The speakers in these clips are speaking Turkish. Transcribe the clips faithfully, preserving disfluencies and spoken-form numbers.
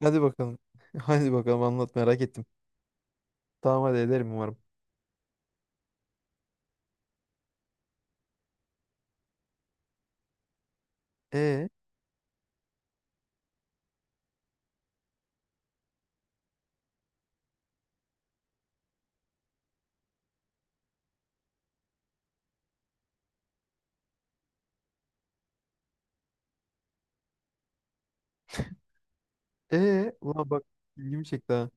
Hadi bakalım. Hadi bakalım, anlat, merak ettim. Tamam, hadi ederim umarım. E e ulan bak, ilgimi çekti ha.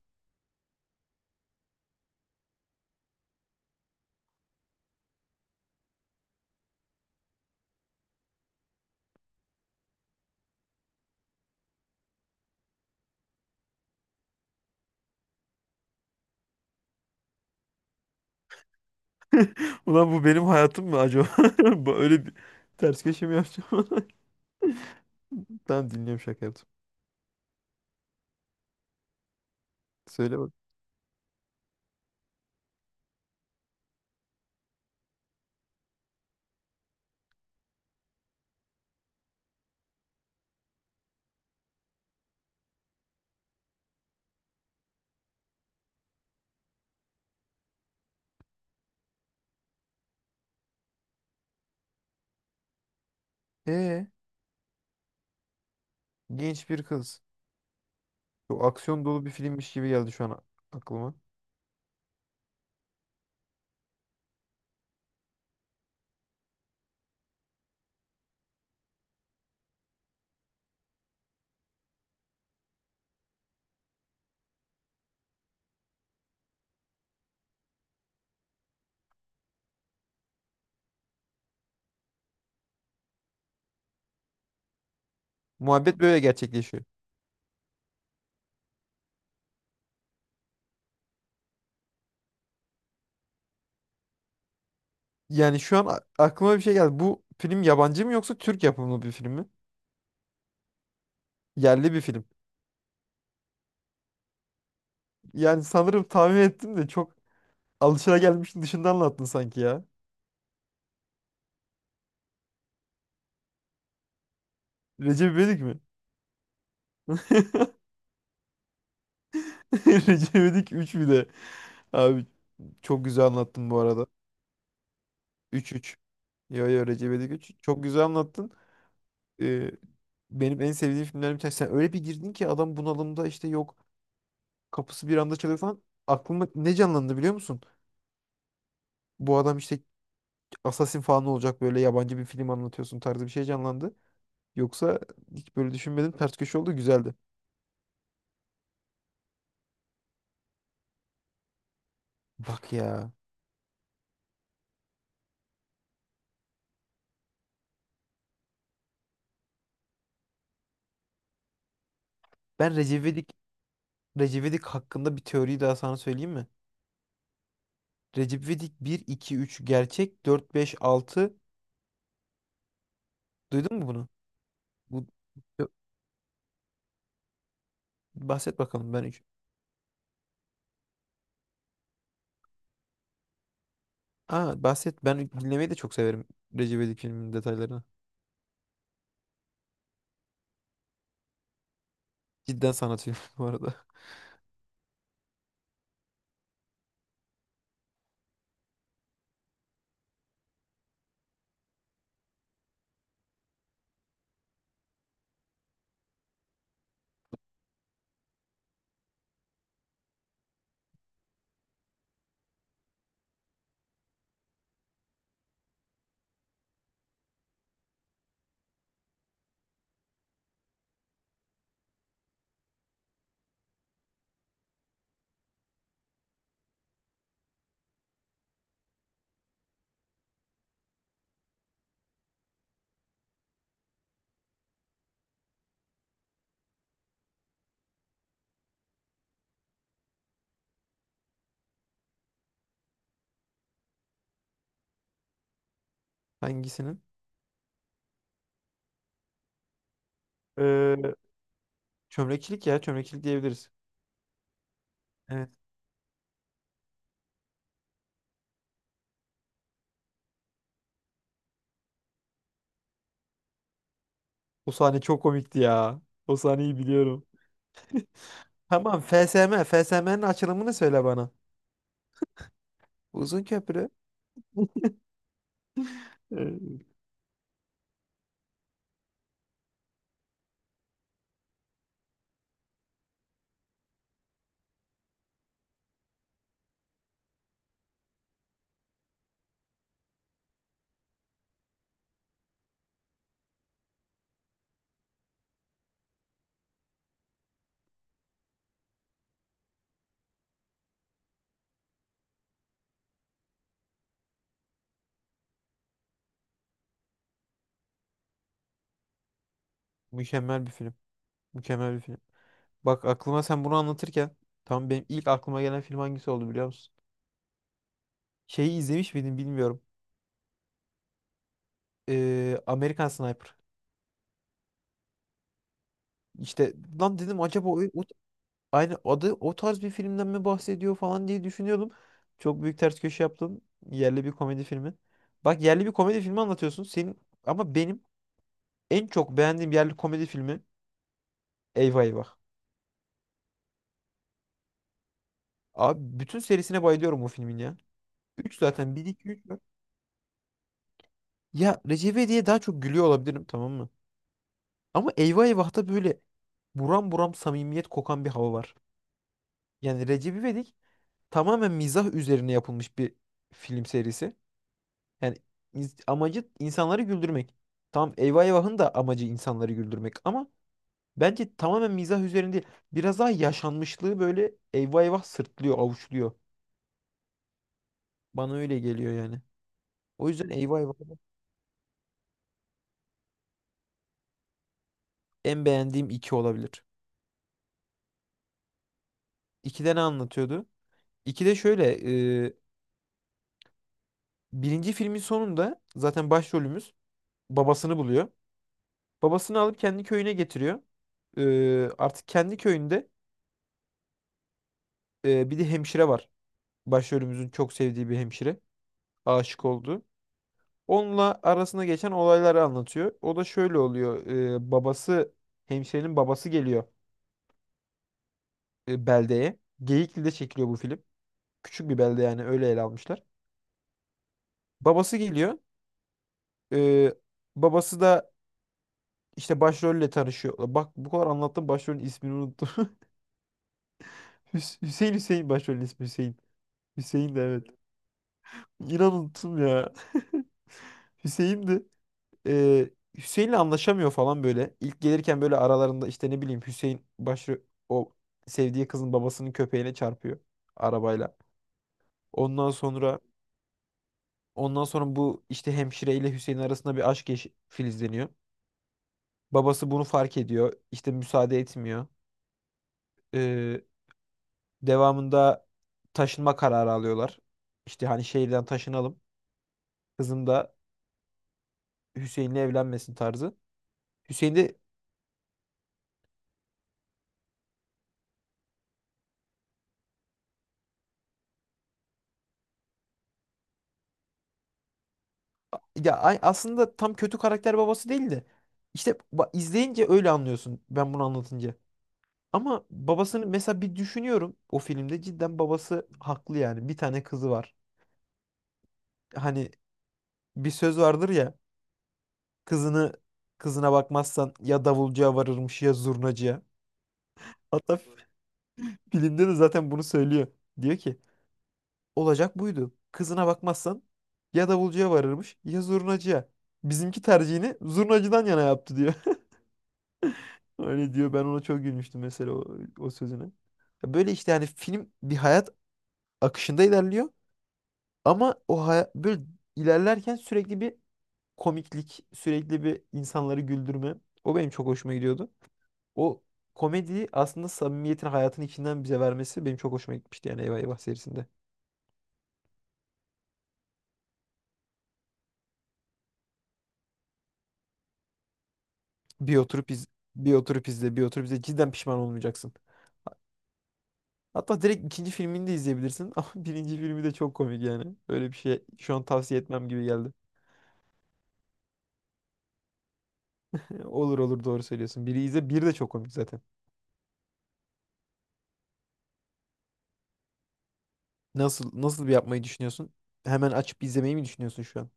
Ulan, bu benim hayatım mı acaba? Bu öyle bir ters köşe mi yapacağım? Tamam, dinliyorum, şaka yaptım. Söyle bak. E, genç bir kız. Çok aksiyon dolu bir filmmiş gibi geldi şu an a- aklıma. Muhabbet böyle gerçekleşiyor. Yani şu an a- aklıma bir şey geldi. Bu film yabancı mı yoksa Türk yapımı bir film mi? Yerli bir film. Yani sanırım tahmin ettim de çok alışılagelmişin dışında anlattın sanki ya. Recep İvedik mi? Recep İvedik üç bir de. Abi, çok güzel anlattın bu arada. Üç, üç. Yo yo, Recep İvedik üç. Çok güzel anlattın. Ee, Benim en sevdiğim filmlerim bir tanesi. Sen öyle bir girdin ki adam bunalımda, işte yok kapısı bir anda çalıyor falan. Aklımda ne canlandı biliyor musun? Bu adam işte Assassin falan olacak, böyle yabancı bir film anlatıyorsun tarzı bir şey canlandı. Yoksa hiç böyle düşünmedim. Ters köşe oldu, güzeldi. Bak ya. Ben Recep İvedik, Recep İvedik hakkında bir teoriyi daha sana söyleyeyim mi? Recep İvedik bir, iki, üç gerçek, dört beş altı. Duydun mu bunu? Bu Yo- Bahset bakalım ben. üç- Aa, bahset. Ben dinlemeyi de çok severim Recep İvedik filminin detaylarını. Cidden sanat filmi bu arada. Hangisinin? Ee, Çömlekçilik, ya çömlekçilik diyebiliriz. Evet. O sahne çok komikti ya. O sahneyi biliyorum. Tamam, F S M. F S M'nin açılımını söyle bana. Uzun köprü. Ee, Mükemmel bir film. Mükemmel bir film. Bak, aklıma sen bunu anlatırken tam benim ilk aklıma gelen film hangisi oldu biliyor musun? Şeyi izlemiş miydim bilmiyorum. Ee, American Sniper. İşte, lan dedim acaba o, o- aynı adı o tarz bir filmden mi bahsediyor falan diye düşünüyordum. Çok büyük ters köşe yaptım. Yerli bir komedi filmi. Bak, yerli bir komedi filmi anlatıyorsun. Senin ama benim en çok beğendiğim yerli komedi filmi Eyvah Eyvah. Abi, bütün serisine bayılıyorum o filmin ya. Üç zaten, bir iki üç var. Ya Recep diye daha çok gülüyor olabilirim, tamam mı? Ama Eyvah Eyvah'ta böyle buram buram samimiyet kokan bir hava var. Yani Recep İvedik tamamen mizah üzerine yapılmış bir film serisi. Yani ins- amacı insanları güldürmek. Tamam, Eyvah Eyvah'ın da amacı insanları güldürmek ama bence tamamen mizah üzerinde değil. Biraz daha yaşanmışlığı böyle Eyvah Eyvah sırtlıyor, avuçluyor. Bana öyle geliyor yani. O yüzden Eyvah Eyvah en beğendiğim iki olabilir. İkide ne anlatıyordu? İkide şöyle, e, birinci filmin sonunda zaten başrolümüz babasını buluyor. Babasını alıp kendi köyüne getiriyor. E, artık kendi köyünde. Ee, bir de hemşire var. Başrolümüzün çok sevdiği bir hemşire. Aşık oldu. Onunla arasında geçen olayları anlatıyor. O da şöyle oluyor. Ee, babası, hemşirenin babası geliyor e, beldeye. Geyikli'de çekiliyor bu film. Küçük bir belde yani, öyle ele almışlar. Babası geliyor. Ee, Babası da işte başrolle tanışıyor. Bak, bu kadar anlattım, başrolün ismini unuttum. Hüs- Hüseyin Hüseyin başrolün ismi Hüseyin. Hüseyin de evet. İnan unuttum ya. Hüseyin'di. e, Hüseyin'le anlaşamıyor falan böyle. İlk gelirken böyle aralarında işte ne bileyim, Hüseyin başı o sevdiği kızın babasının köpeğine çarpıyor arabayla. Ondan sonra ondan sonra bu işte hemşire ile Hüseyin arasında bir aşk yaş- filizleniyor. Babası bunu fark ediyor. İşte müsaade etmiyor. Ee, devamında taşınma kararı alıyorlar. İşte hani şehirden taşınalım. Kızım da Hüseyin'le evlenmesin tarzı. Hüseyin de Ya a- aslında tam kötü karakter babası değil de işte ba- izleyince öyle anlıyorsun, ben bunu anlatınca. Ama babasını mesela bir düşünüyorum, o filmde cidden babası haklı yani. Bir tane kızı var. Hani bir söz vardır ya, kızını kızına bakmazsan ya davulcuya varırmış ya zurnacıya. Hatta filmde de zaten bunu söylüyor. Diyor ki olacak buydu. Kızına bakmazsan ya davulcuya varırmış ya zurnacıya. Bizimki tercihini zurnacıdan yana yaptı diyor. Öyle diyor. Ben ona çok gülmüştüm mesela o, o sözüne. Ya böyle işte, yani film bir hayat akışında ilerliyor ama o haya- böyle ilerlerken sürekli bir komiklik, sürekli bir insanları güldürme. O benim çok hoşuma gidiyordu. O komediyi aslında samimiyetin hayatın içinden bize vermesi benim çok hoşuma gitmişti yani Eyvah Eyvah serisinde. Bir oturup iz bir oturup izle, bir oturup izle, cidden pişman olmayacaksın. Hatta direkt ikinci filmini de izleyebilirsin ama birinci filmi de çok komik yani. Öyle bir şey, şu an tavsiye etmem gibi geldi. Olur olur, doğru söylüyorsun. Biri izle, bir de çok komik zaten. Nasıl, nasıl bir yapmayı düşünüyorsun? Hemen açıp izlemeyi mi düşünüyorsun şu an?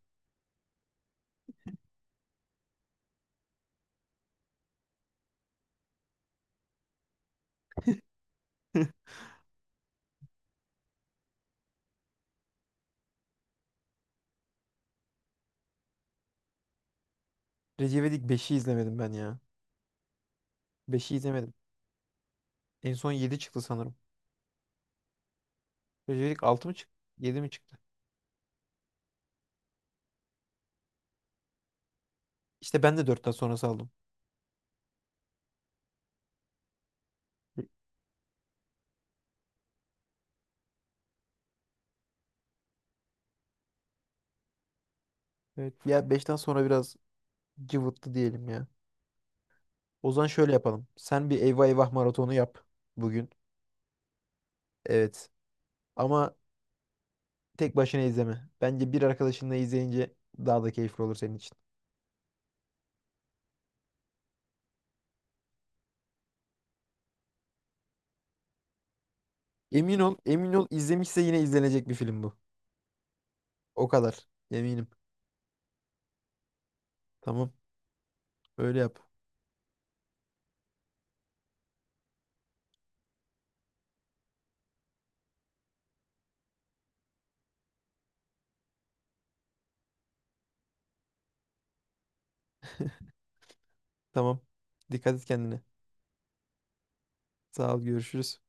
Recep İvedik beşi izlemedim ben ya. Beşi izlemedim. En son yedi çıktı sanırım. Recep İvedik altı mı çıktı, yedi mi çıktı? İşte ben de dörtten sonrası aldım. Evet. Ya beşten sonra biraz cıvıttı diyelim ya. O zaman şöyle yapalım. Sen bir Eyvah Eyvah maratonu yap bugün. Evet. Ama tek başına izleme. Bence bir arkadaşınla izleyince daha da keyifli olur senin için. Emin ol, emin ol, izlemişse yine izlenecek bir film bu. O kadar. Eminim. Tamam. Öyle yap. Tamam. Dikkat et kendine. Sağ ol. Görüşürüz.